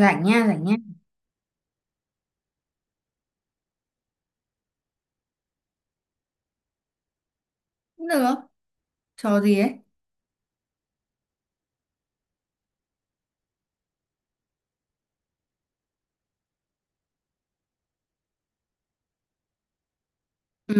Rảnh nha, rảnh nha. Cũng được. Trò gì ấy? Ừ,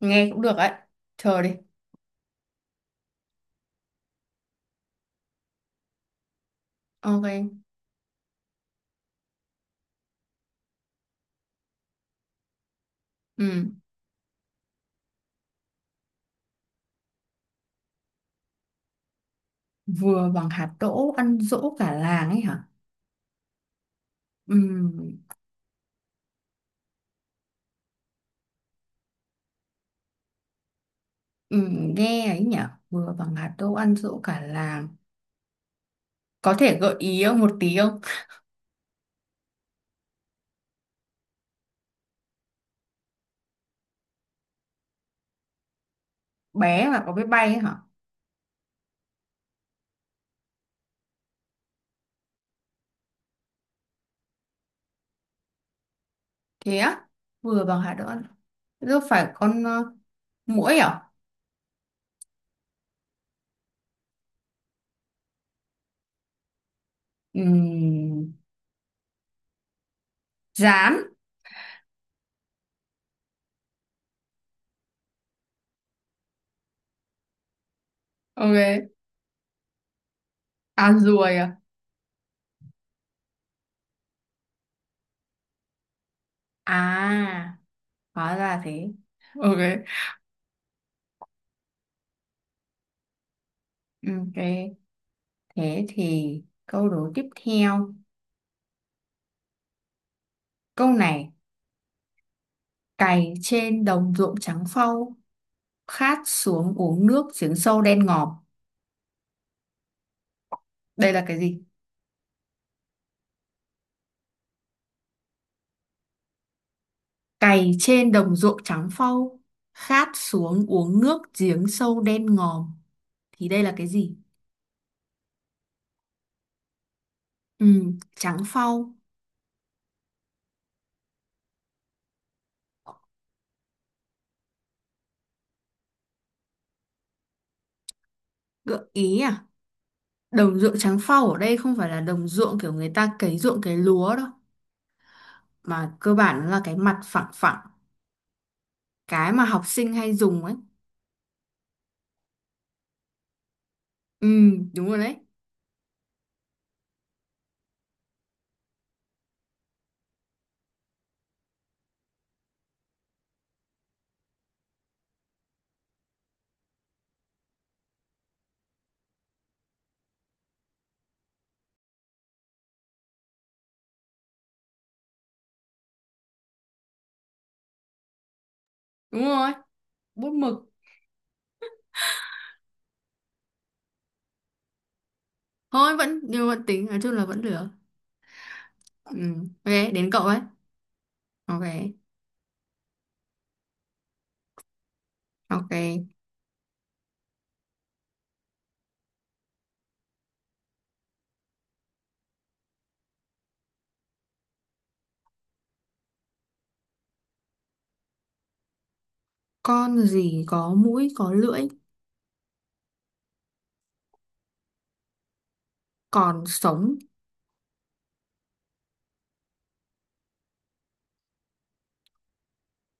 nghe cũng được ấy. Chờ đi. Ok. Ừ, vừa bằng hạt đỗ ăn dỗ cả làng ấy hả? Ừ, ừ, nghe ấy nhở? Vừa bằng hạt đỗ ăn dỗ cả làng. Có thể gợi ý không một tí không? Bé mà có biết bay ấy hả? Thế á? Vừa bằng hạt đỗ ăn. Thế đâu phải con muỗi à? Ừ, rán. Ok. À, ruồi à? À, hóa ra thế. Ok. Ok. Thế thì câu đố tiếp theo. Câu này, cày trên đồng ruộng trắng phau, khát xuống uống nước giếng sâu đen ngòm. Đây là cái gì? Cày trên đồng ruộng trắng phau, khát xuống uống nước giếng sâu đen ngòm. Thì đây là cái gì? Ừ, trắng phau. Gợi ý à? Đồng ruộng trắng phau ở đây không phải là đồng ruộng kiểu người ta cấy ruộng cấy lúa đâu. Mà cơ bản nó là cái mặt phẳng phẳng. Cái mà học sinh hay dùng ấy. Ừ, đúng rồi đấy. Đúng rồi. Bút mực. Thôi vẫn nhưng vẫn tính nói chung là vẫn được. Ừ. Ok, đến cậu ấy. Ok. Ok. Con gì có mũi có lưỡi còn sống?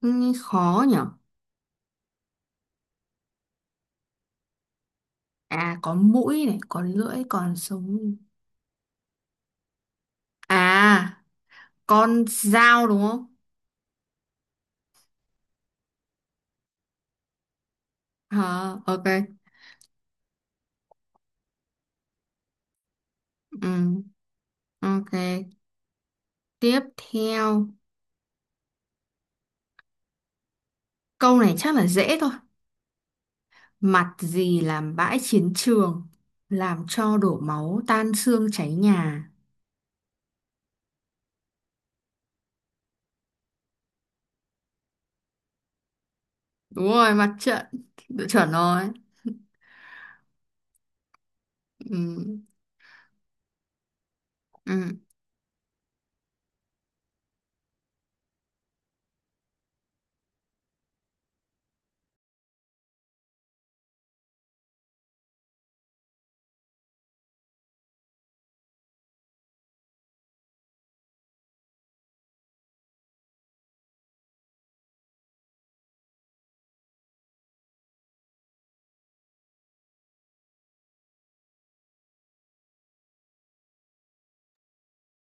Nghe khó nhở. À có mũi này, có lưỡi còn sống. À, con dao đúng không? Ờ, ok. Ừ, ok. Tiếp theo. Câu này chắc là dễ thôi. Mặt gì làm bãi chiến trường, làm cho đổ máu tan xương cháy nhà. Đúng rồi, mặt trận. Đội chuẩn rồi. Ừ. Ừ.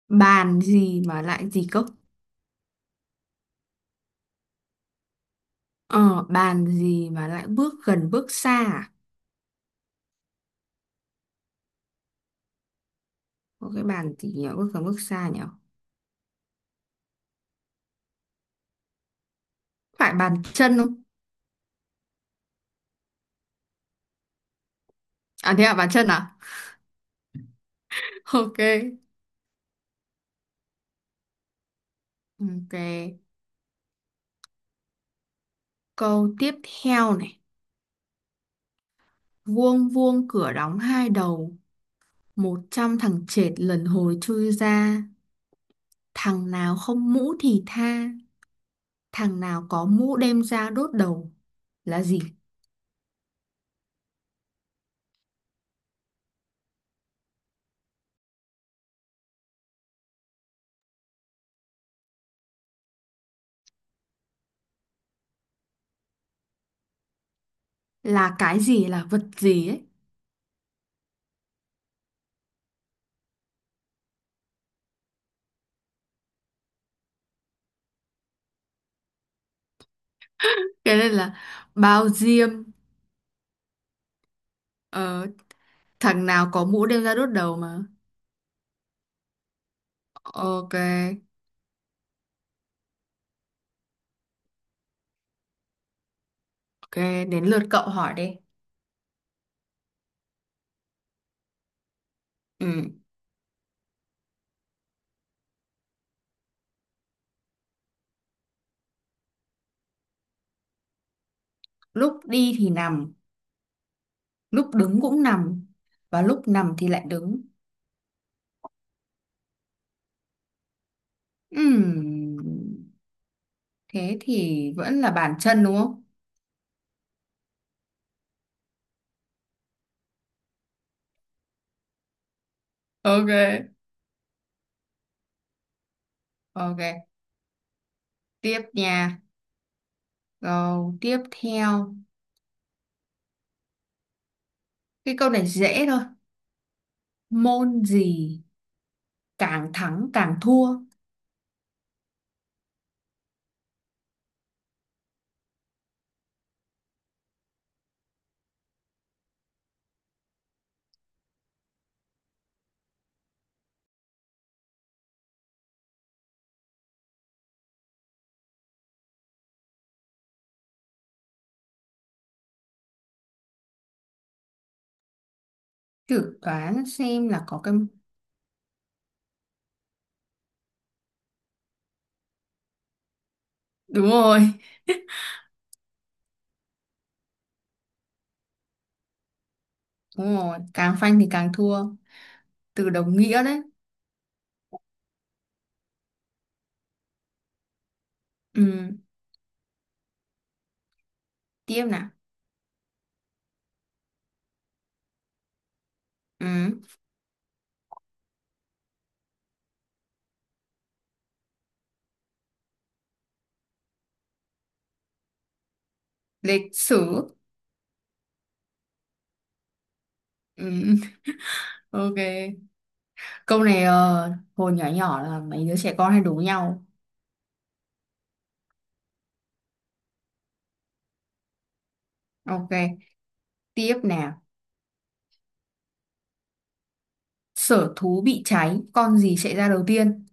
Bàn gì mà lại gì cốc? Ờ bàn gì mà lại bước gần bước xa à? Có cái bàn gì nhỉ bước gần bước xa nhỉ? Phải bàn chân không? À thế à, bàn chân à? Ok. Ok, câu tiếp theo này. Vuông vuông cửa đóng hai đầu, một trăm thằng chệt lần hồi chui ra, thằng nào không mũ thì tha, thằng nào có mũ đem ra đốt đầu. Là gì? Là cái gì, là vật gì ấy. Cái này là bao diêm. Ờ, thằng nào có mũ đem ra đốt đầu mà. Ok. Ok, đến lượt cậu hỏi đi. Ừ. Lúc đi thì nằm, lúc đứng cũng nằm, và lúc nằm thì lại đứng. Ừm, thế thì vẫn là bàn chân đúng không? Ok. Ok, tiếp nha. Câu tiếp theo, cái câu này dễ thôi. Môn gì càng thắng càng thua? Thử đoán xem là có cái. Đúng rồi, đúng rồi, càng phanh thì càng thua. Từ đồng nghĩa đấy. Ừ, tiếp nào. Ừ, lịch sử. Ừ, ok. Câu này hồi nhỏ nhỏ là mấy đứa trẻ con hay đố nhau. Ok, tiếp nào. Sở thú bị cháy, con gì chạy ra đầu tiên?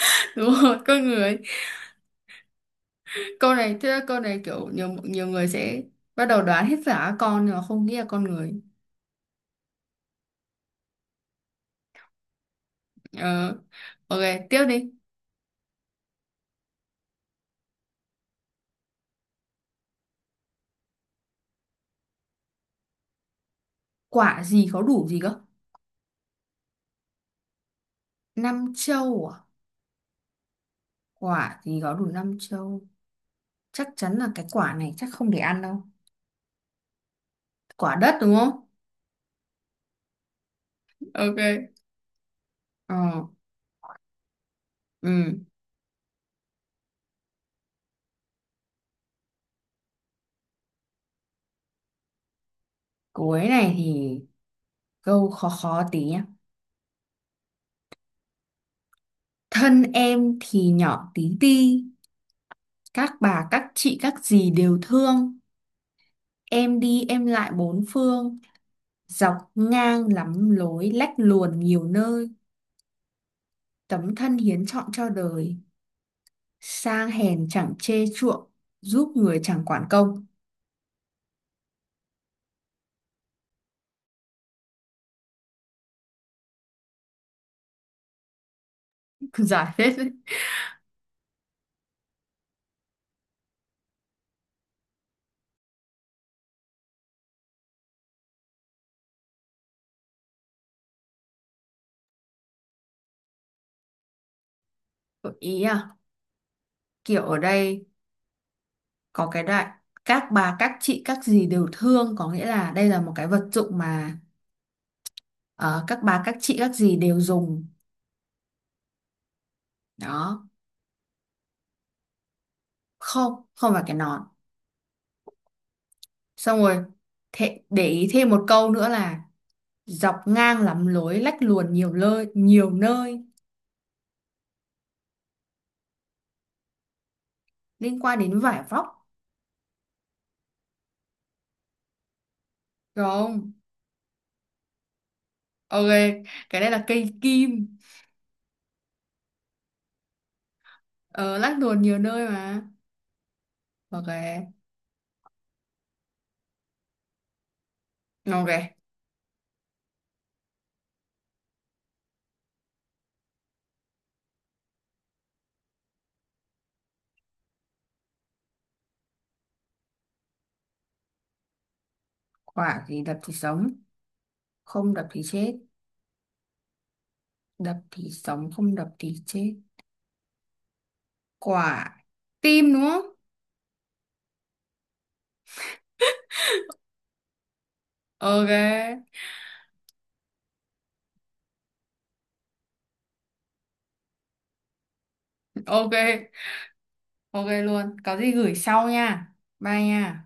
Đúng rồi, con người. Câu này, thế là câu này kiểu nhiều nhiều người sẽ bắt đầu đoán hết cả các con nhưng mà không nghĩ là con người. Ờ, ok, tiếp đi. Quả gì có đủ gì cơ? Năm châu à? Quả thì có đủ năm châu, chắc chắn là cái quả này chắc không để ăn đâu. Quả đất đúng không? Ok. Ờ. Ừ. Cuối này thì câu khó khó tí nhá. Thân em thì nhỏ tí ti, các bà các chị các dì đều thương, em đi em lại bốn phương, dọc ngang lắm lối lách luồn nhiều nơi, tấm thân hiến trọn cho đời, sang hèn chẳng chê chuộng, giúp người chẳng quản công. Giải hết đấy. Gợi ý à? Kiểu ở đây có cái đại, các bà các chị các dì đều thương có nghĩa là đây là một cái vật dụng mà ờ, các bà các chị các dì đều dùng đó. Không không phải cái nón. Xong rồi. Thế, để ý thêm một câu nữa là dọc ngang lắm lối lách luồn nhiều nơi, nhiều nơi liên quan đến vải vóc. Được không? Ok, cái đây là cây kim. Ờ, lách luồn nhiều nơi mà. Ok. Ok. Quả thì đập thì sống không đập thì chết. Đập thì sống không đập thì chết. Quả tim đúng không? Ok. Ok. Ok luôn, có gì gửi sau nha. Bye nha.